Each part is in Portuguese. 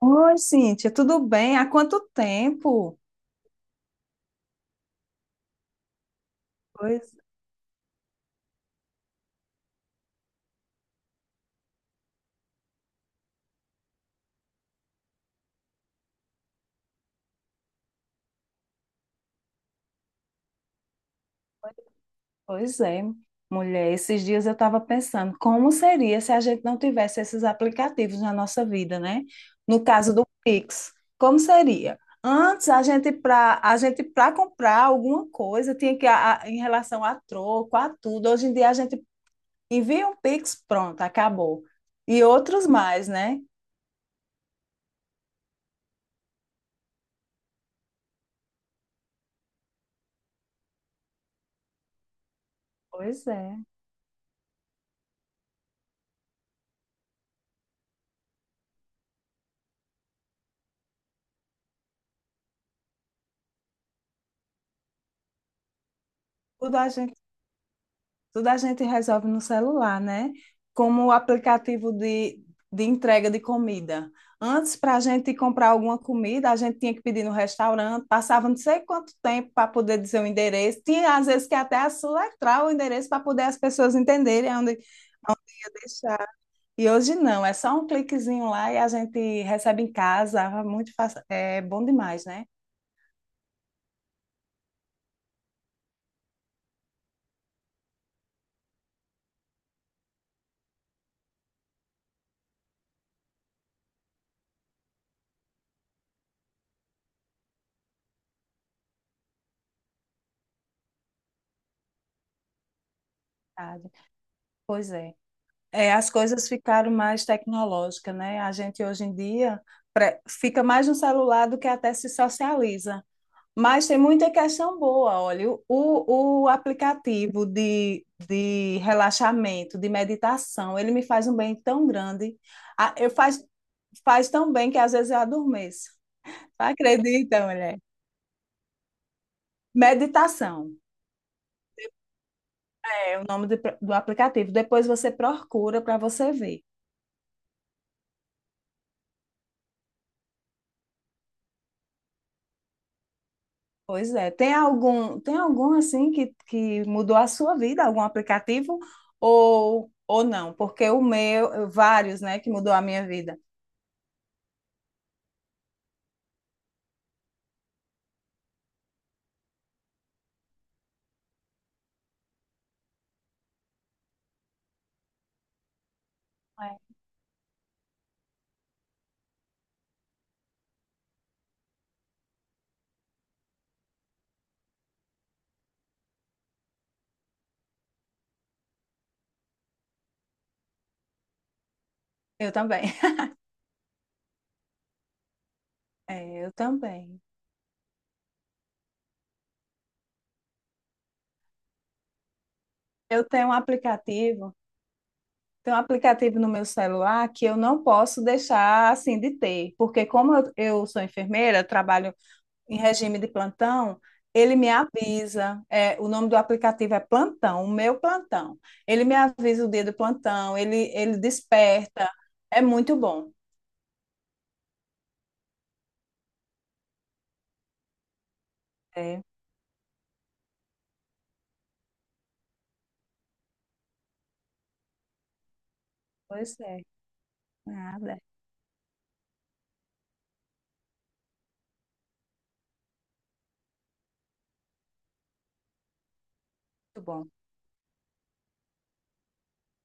Oi, Cíntia, tudo bem? Há quanto tempo? Pois, pois é, mulher. Esses dias eu estava pensando como seria se a gente não tivesse esses aplicativos na nossa vida, né? No caso do Pix, como seria? Antes a gente para comprar alguma coisa tinha que em relação a troco, a tudo. Hoje em dia a gente envia um Pix, pronto, acabou. E outros mais, né? Pois é. Tudo a gente Tudo a gente resolve no celular, né? Como o aplicativo de entrega de comida. Antes, para a gente comprar alguma comida, a gente tinha que pedir no restaurante, passava não sei quanto tempo para poder dizer o endereço. Tinha, às vezes, que até soletrar o endereço para poder as pessoas entenderem onde ia deixar. E hoje não, é só um cliquezinho lá e a gente recebe em casa. Muito fácil. É bom demais, né? Verdade. Pois é. É, as coisas ficaram mais tecnológicas, né? A gente hoje em dia fica mais no celular do que até se socializa. Mas tem muita questão boa, olha, o aplicativo de relaxamento, de meditação, ele me faz um bem tão grande. Ah, eu faz tão bem que às vezes eu adormeço. Acredita, mulher? Meditação é o nome do aplicativo. Depois você procura para você ver. Pois é. Tem algum assim que mudou a sua vida, algum aplicativo ou não? Porque o meu, vários, né, que mudou a minha vida. É. Eu também. É, eu também. Eu tenho um aplicativo no meu celular que eu não posso deixar assim de ter, porque eu sou enfermeira, eu trabalho em regime de plantão, ele me avisa, é, o nome do aplicativo é Plantão, o meu plantão. Ele me avisa o dia do plantão, ele desperta, é muito bom. É, pois é, nada, é muito bom.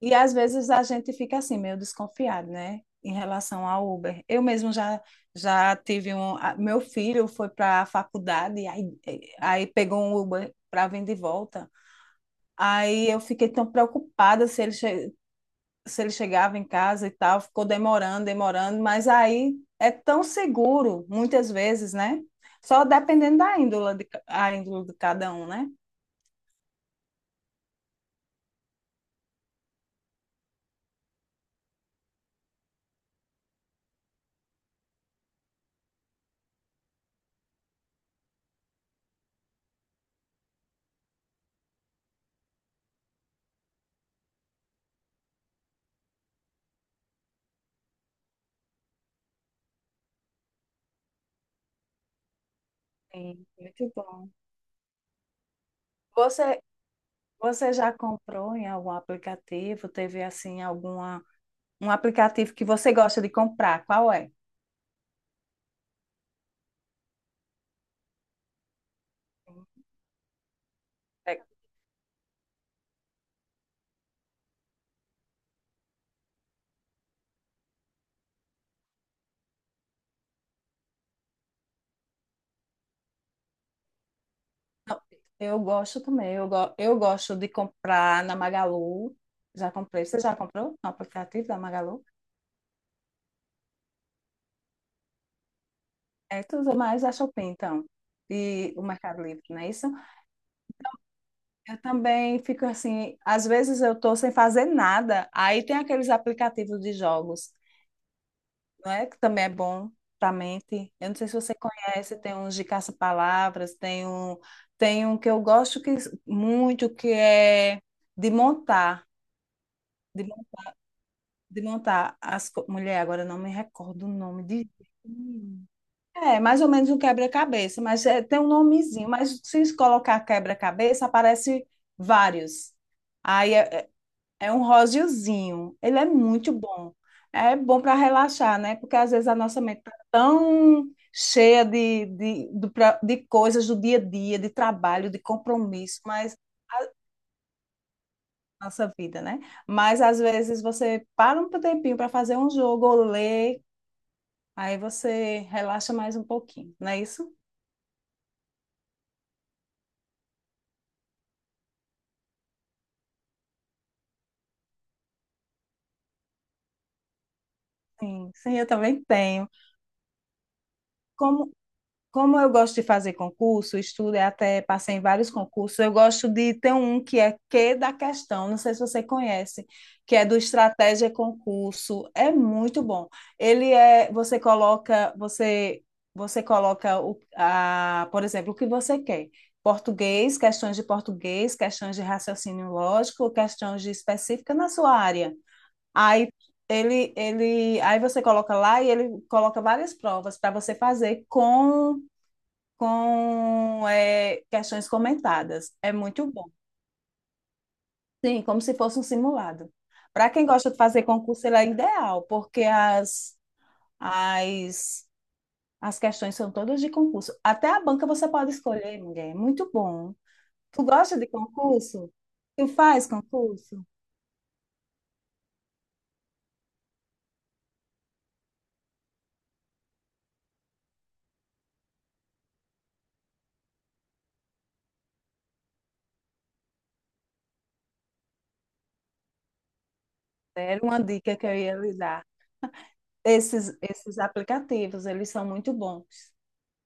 E às vezes a gente fica assim, meio desconfiado, né? Em relação ao Uber. Eu mesmo já, já tive um. Meu filho foi para a faculdade, aí pegou um Uber para vir de volta. Aí eu fiquei tão preocupada se se ele chegava em casa e tal, ficou demorando, demorando, mas aí é tão seguro, muitas vezes, né? Só dependendo da a índole de cada um, né? Sim, muito bom. Você, você já comprou em algum aplicativo? Teve, assim, um aplicativo que você gosta de comprar? Qual é? É, não, eu gosto também. Eu gosto de comprar na Magalu. Já comprei. Você já comprou no aplicativo da Magalu? É, tu usa mais a Shopee, então, e o Mercado Livre, não é isso? Eu também fico assim, às vezes eu tô sem fazer nada, aí tem aqueles aplicativos de jogos, não é? Que também é bom pra mente. Eu não sei se você conhece, tem uns de caça-palavras, tem um que eu gosto que é de montar, de, mon- de montar mulher, agora eu não me recordo o nome de... É, mais ou menos um quebra-cabeça, mas é, tem um nomezinho. Mas se colocar quebra-cabeça, aparece vários. Aí é, é um rosiozinho. Ele é muito bom. É bom para relaxar, né? Porque às vezes a nossa mente tá tão cheia de coisas do dia a dia, de trabalho, de compromisso, mas nossa vida, né? Mas às vezes você para um tempinho para fazer um jogo ou ler, aí você relaxa mais um pouquinho, não é isso? Sim, sim, eu também tenho. Como, como eu gosto de fazer concurso, estudo e até passei em vários concursos, eu gosto de ter um que é que da questão, não sei se você conhece, que é do Estratégia Concurso. É muito bom. Ele é, você coloca, você coloca por exemplo, o que você quer. Português, questões de raciocínio lógico, questões de específica na sua área. Aí ele, aí você coloca lá e ele coloca várias provas para você fazer com questões comentadas. É muito bom. Sim, como se fosse um simulado. Para quem gosta de fazer concurso, ele é ideal, porque as, as questões são todas de concurso. Até a banca você pode escolher, mulher. É muito bom. Tu gosta de concurso? Tu faz concurso? Era uma dica que eu ia lhe dar. Esses aplicativos, eles são muito bons.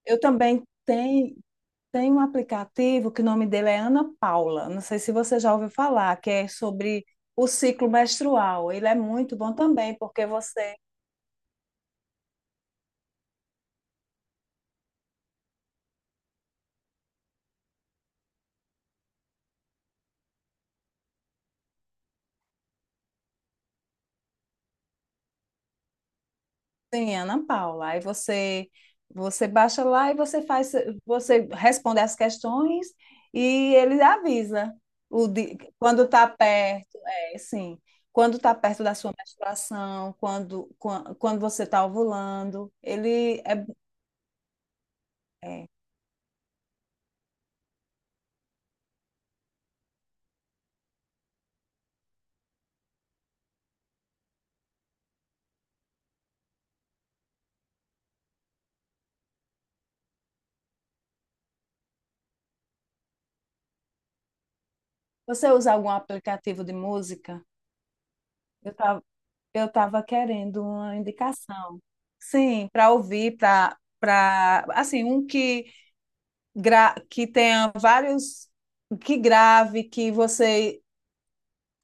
Eu também tenho, tenho um aplicativo que o nome dele é Ana Paula. Não sei se você já ouviu falar, que é sobre o ciclo menstrual. Ele é muito bom também, porque você tem Ana Paula. Aí você baixa lá e você você responde as questões e ele avisa quando está perto, é, sim, quando está perto da sua menstruação, quando você está ovulando. Ele é, é, você usa algum aplicativo de música? Eu tava, eu tava querendo uma indicação. Sim, para ouvir, para assim, um que tenha vários que grave, que você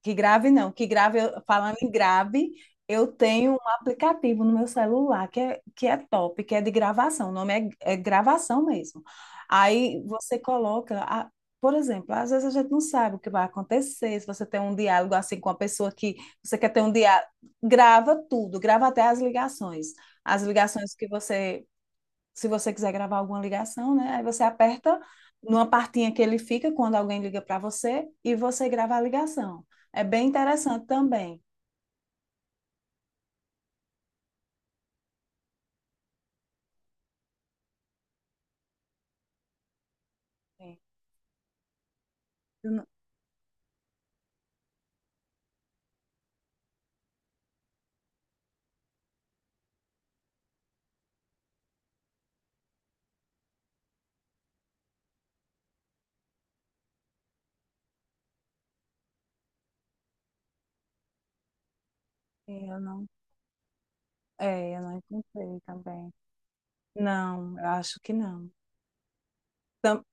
que grave não, que grave, falando em grave, eu tenho um aplicativo no meu celular que é top, que é de gravação, o nome é, é gravação mesmo. Aí você coloca, por exemplo, às vezes a gente não sabe o que vai acontecer, se você tem um diálogo assim com a pessoa que você quer ter um diálogo, grava tudo, grava até as ligações que você se você quiser gravar alguma ligação, né? Aí você aperta numa partinha que ele fica quando alguém liga para você e você grava a ligação. É bem interessante também. Sim. Eu não, eu não, eu não encontrei também. Não, eu acho que não. Tam-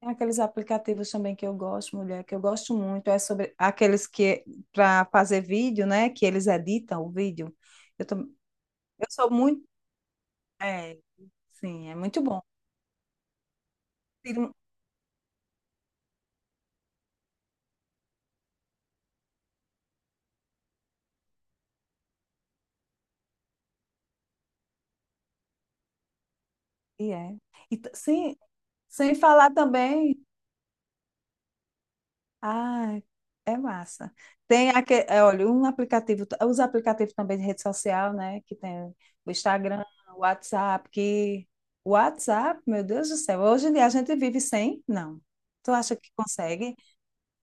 Tem aqueles aplicativos também que eu gosto, mulher, que eu gosto muito, é sobre aqueles que para fazer vídeo, né? Que eles editam o vídeo. Eu, tam- eu sou muito. É, sim, é muito bom. Tira um- E é. Sim, sem falar também, ah, é massa. Tem aquele, olha, um aplicativo, os aplicativos também de rede social, né? Que tem o Instagram, o WhatsApp, que o WhatsApp, meu Deus do céu, hoje em dia a gente vive sem? Não. Tu acha que consegue?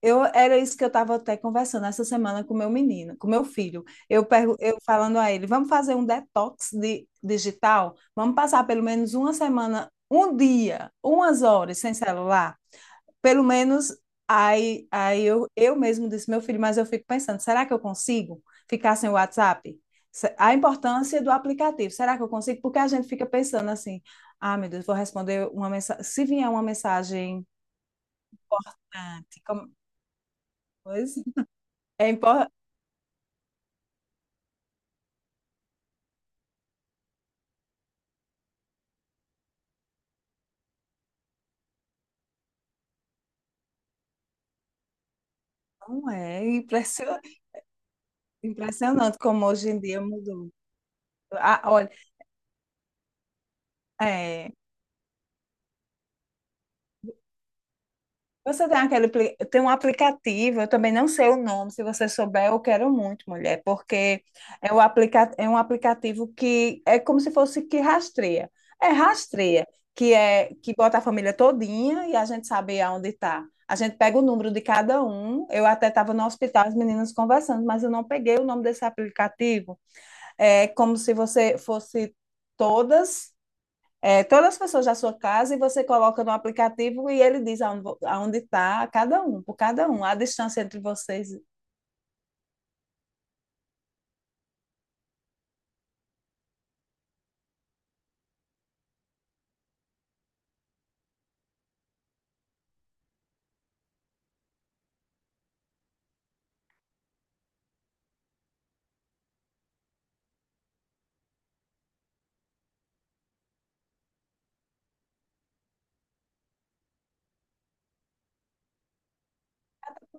Eu era isso que eu estava até conversando essa semana com meu menino, com meu filho. Eu falando a ele, vamos fazer um detox digital? Vamos passar pelo menos uma semana, um dia, umas horas sem celular? Pelo menos eu mesmo disse, meu filho, mas eu fico pensando, será que eu consigo ficar sem o WhatsApp? A importância do aplicativo, será que eu consigo? Porque a gente fica pensando assim, ah, meu Deus, vou responder uma mensagem, se vier uma mensagem importante, como... Pois é, impor- não é impressionante, impressionante como hoje em dia mudou. Ah, olha, é, você tem aquele, tem um aplicativo, eu também não sei o nome, se você souber, eu quero muito, mulher, porque é um aplicativo que é como se fosse que rastreia. É rastreia, que é que bota a família todinha e a gente sabe aonde está. A gente pega o número de cada um. Eu até estava no hospital, as meninas conversando, mas eu não peguei o nome desse aplicativo. É como se você fosse todas todas as pessoas da sua casa e você coloca no aplicativo e ele diz aonde está cada um, por cada um, a distância entre vocês,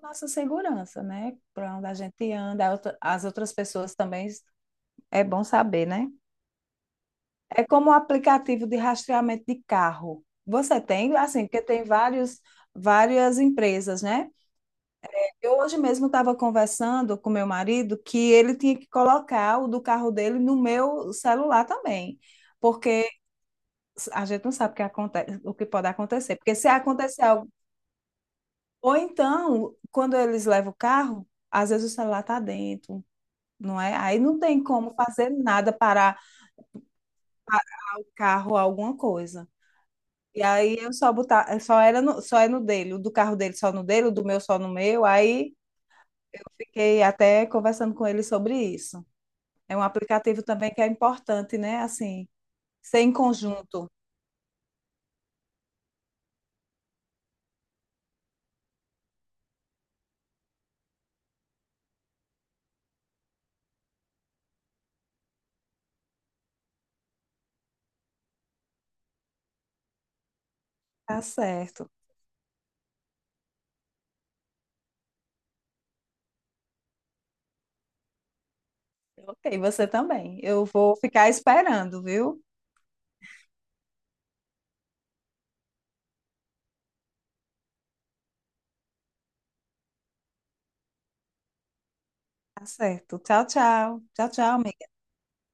nossa segurança, né? Para onde a gente anda, as outras pessoas também é bom saber, né? É como um aplicativo de rastreamento de carro. Você tem, assim, porque tem vários, várias empresas, né? Eu hoje mesmo estava conversando com meu marido que ele tinha que colocar o do carro dele no meu celular também porque a gente não sabe o que acontece, o que pode acontecer. Porque se acontecer algo, ou então, quando eles levam o carro, às vezes o celular está dentro, não é? Aí não tem como fazer nada para o carro alguma coisa. E aí eu só botar, só é no dele, o do carro dele só no dele, o do meu só no meu. Aí eu fiquei até conversando com ele sobre isso. É um aplicativo também que é importante, né? Assim, ser em conjunto. Tá certo. Ok, você também. Eu vou ficar esperando, viu? Tá certo. Tchau, tchau. Tchau, tchau, amiga.